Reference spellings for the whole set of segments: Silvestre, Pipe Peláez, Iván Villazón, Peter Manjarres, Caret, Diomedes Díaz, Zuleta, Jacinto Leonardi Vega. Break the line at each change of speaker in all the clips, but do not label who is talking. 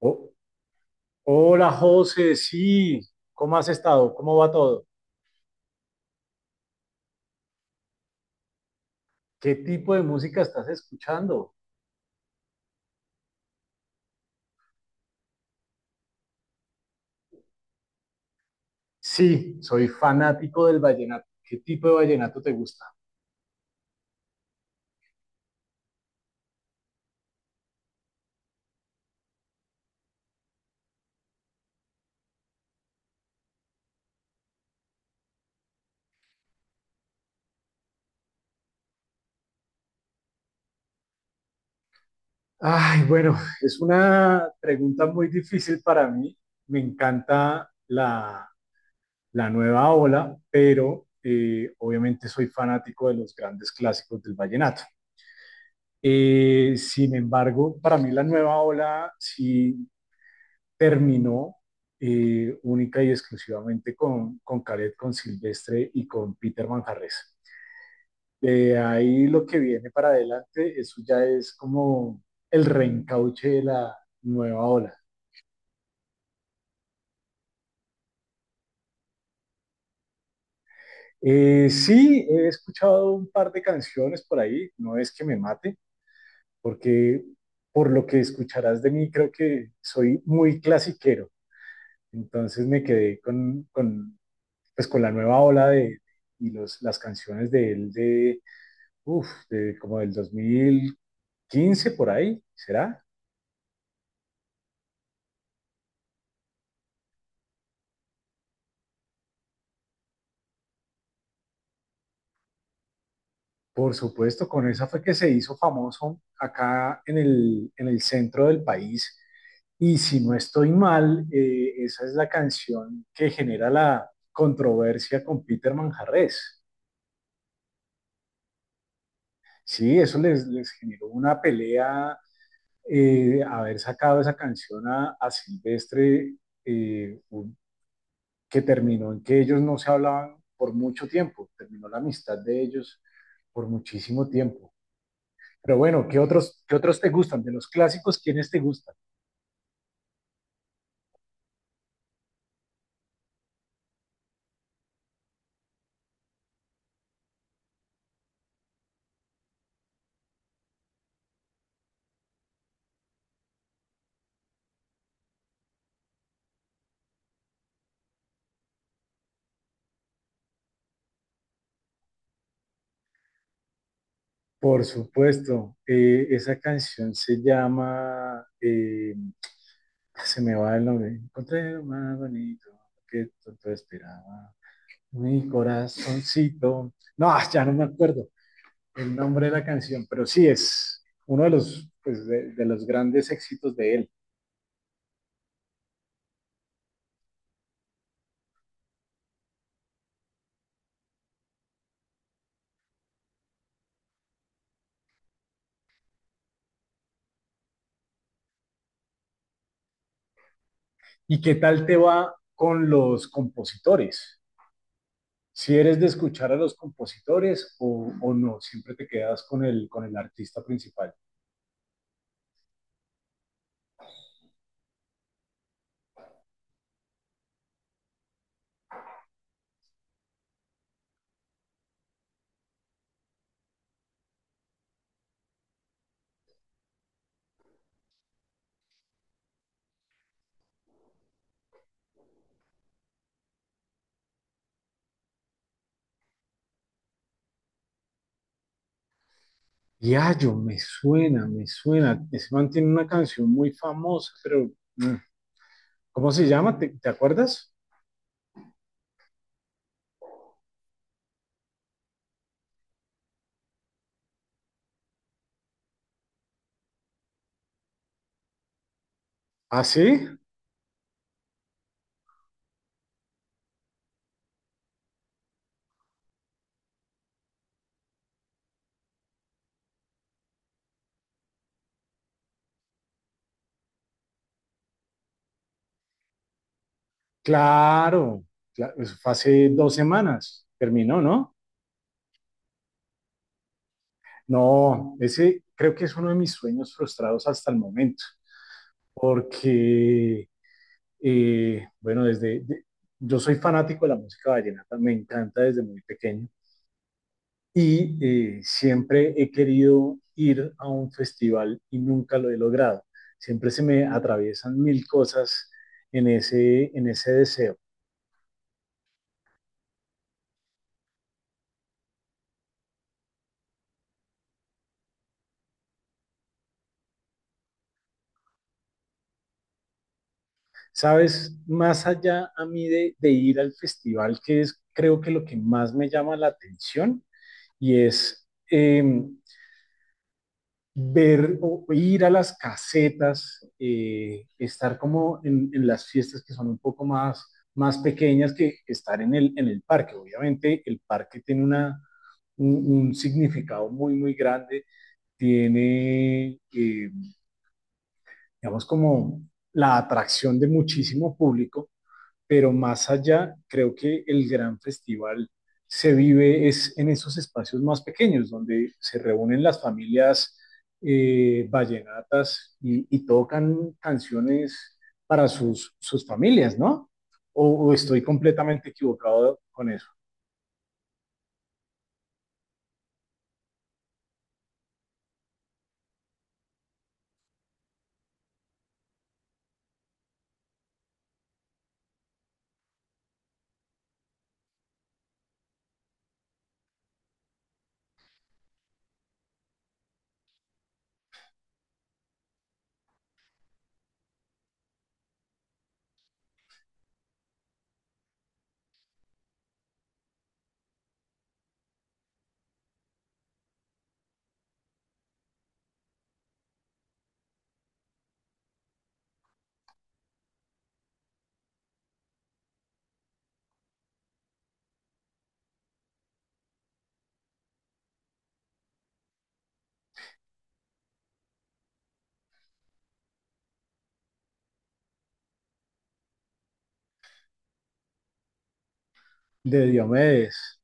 Oh, hola José, sí, ¿cómo has estado? ¿Cómo va todo? ¿Qué tipo de música estás escuchando? Sí, soy fanático del vallenato. ¿Qué tipo de vallenato te gusta? Ay, bueno, es una pregunta muy difícil para mí. Me encanta la nueva ola, pero obviamente soy fanático de los grandes clásicos del vallenato. Sin embargo, para mí la nueva ola sí terminó única y exclusivamente con Caret, con Silvestre y con Peter Manjarres. De ahí lo que viene para adelante, eso ya es como el reencauche de la nueva ola. Sí, he escuchado un par de canciones por ahí, no es que me mate, porque por lo que escucharás de mí, creo que soy muy clasiquero, entonces me quedé pues, con la nueva ola de, y las canciones de él de Uf, de como del 2015 por ahí, ¿será? Por supuesto, con esa fue que se hizo famoso acá en en el centro del país. Y si no estoy mal, esa es la canción que genera la controversia con Peter Manjarrés. Sí, eso les generó una pelea haber sacado esa canción a Silvestre, eh, que terminó en que ellos no se hablaban por mucho tiempo, terminó la amistad de ellos por muchísimo tiempo. Pero bueno, ¿qué otros te gustan? De los clásicos, ¿quiénes te gustan? Por supuesto, esa canción se llama, se me va el nombre, encontré lo más bonito que tanto esperaba, mi corazoncito, no, ah, ya no me acuerdo el nombre de la canción, pero sí es uno de los, pues, de los grandes éxitos de él. ¿Y qué tal te va con los compositores? Si eres de escuchar a los compositores o no, siempre te quedas con con el artista principal. Yayo, me suena, me suena. Ese man tiene una canción muy famosa, pero mm, ¿cómo se llama? ¿Te acuerdas? Ah, sí, claro. Eso fue hace 2 semanas. Terminó, ¿no? No, ese creo que es uno de mis sueños frustrados hasta el momento, porque bueno, yo soy fanático de la música vallenata, me encanta desde muy pequeño y siempre he querido ir a un festival y nunca lo he logrado. Siempre se me atraviesan 1000 cosas en en ese deseo. Sabes, más allá a mí de ir al festival, que es creo que lo que más me llama la atención y es ver o ir a las casetas, estar como en las fiestas que son un poco más, más pequeñas que estar en en el parque. Obviamente el parque tiene una, un significado muy, muy grande, tiene, digamos, como la atracción de muchísimo público, pero más allá, creo que el gran festival se vive es en esos espacios más pequeños, donde se reúnen las familias vallenatas y, tocan canciones para sus, sus familias, ¿no? O estoy completamente equivocado con eso. De Diomedes,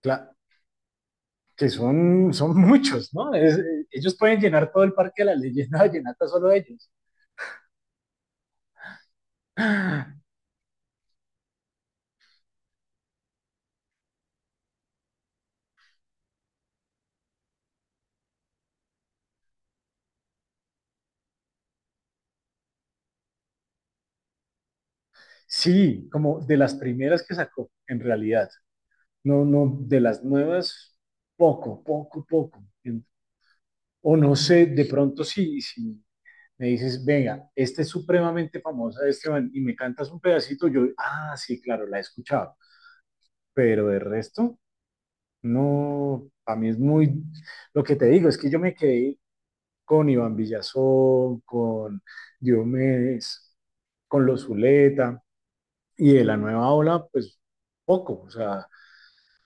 claro, que son, son muchos, ¿no? Es, ellos pueden llenar todo el parque de la leyenda vallenata solo ellos. Sí, como de las primeras que sacó, en realidad. No, no, de las nuevas, poco, poco, poco. O no sé, de pronto sí si me dices, venga, esta es supremamente famosa, Esteban, y me cantas un pedacito, yo, ah, sí, claro, la he escuchado. Pero de resto, no, a mí es muy, lo que te digo es que yo me quedé con Iván Villazón, con Diomedes, con los Zuleta, y de la nueva ola, pues poco, o sea,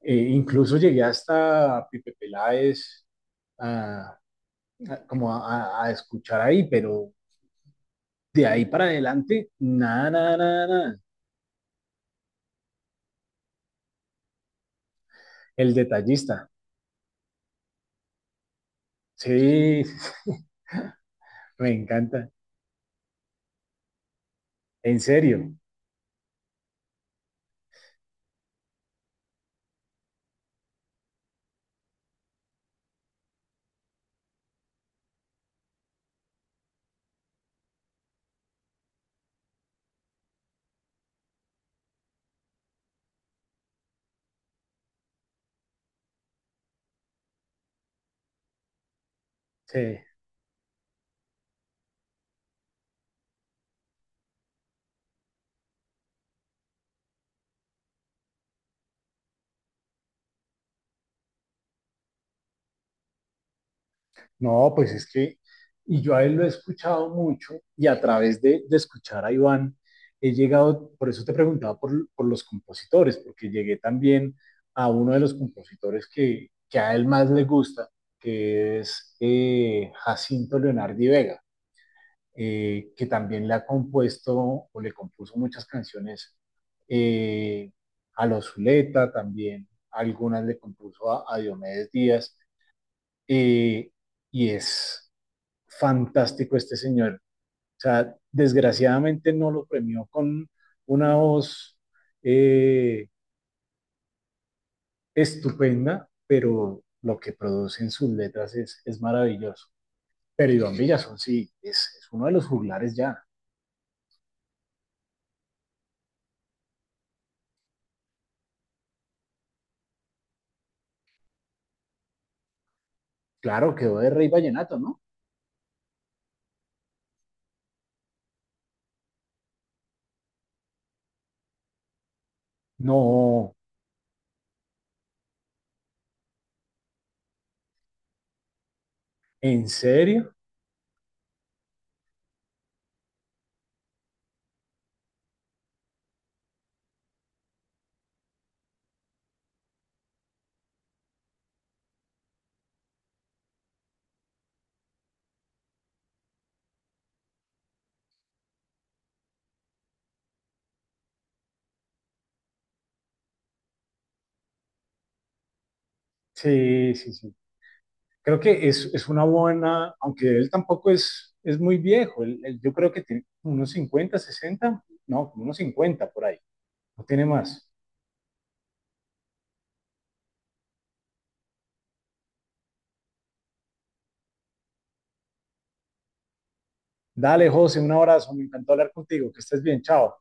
Incluso llegué hasta Pipe Peláez a, como a escuchar ahí, pero de ahí para adelante, nada, nada, nada, nada. El detallista, sí, me encanta, en serio, sí. No, pues es que, y yo a él lo he escuchado mucho y a través de escuchar a Iván, he llegado, por eso te preguntaba por los compositores, porque llegué también a uno de los compositores que a él más le gusta, que es Jacinto Leonardi Vega, que también le ha compuesto o le compuso muchas canciones eh, a los Zuleta, también algunas le compuso a Diomedes Díaz, eh, y es fantástico este señor. O sea, desgraciadamente no lo premió con una voz eh, estupenda, pero lo que produce en sus letras es maravilloso. Pero Iván Villazón sí, es uno de los juglares ya. Claro, quedó de Rey Vallenato, ¿no? No, ¿en serio? Sí, sí, sí. Creo que es una buena, aunque él tampoco es, es muy viejo, yo creo que tiene unos 50, 60, no, como unos 50 por ahí, no tiene más. Dale, José, un abrazo, me encantó hablar contigo, que estés bien, chao.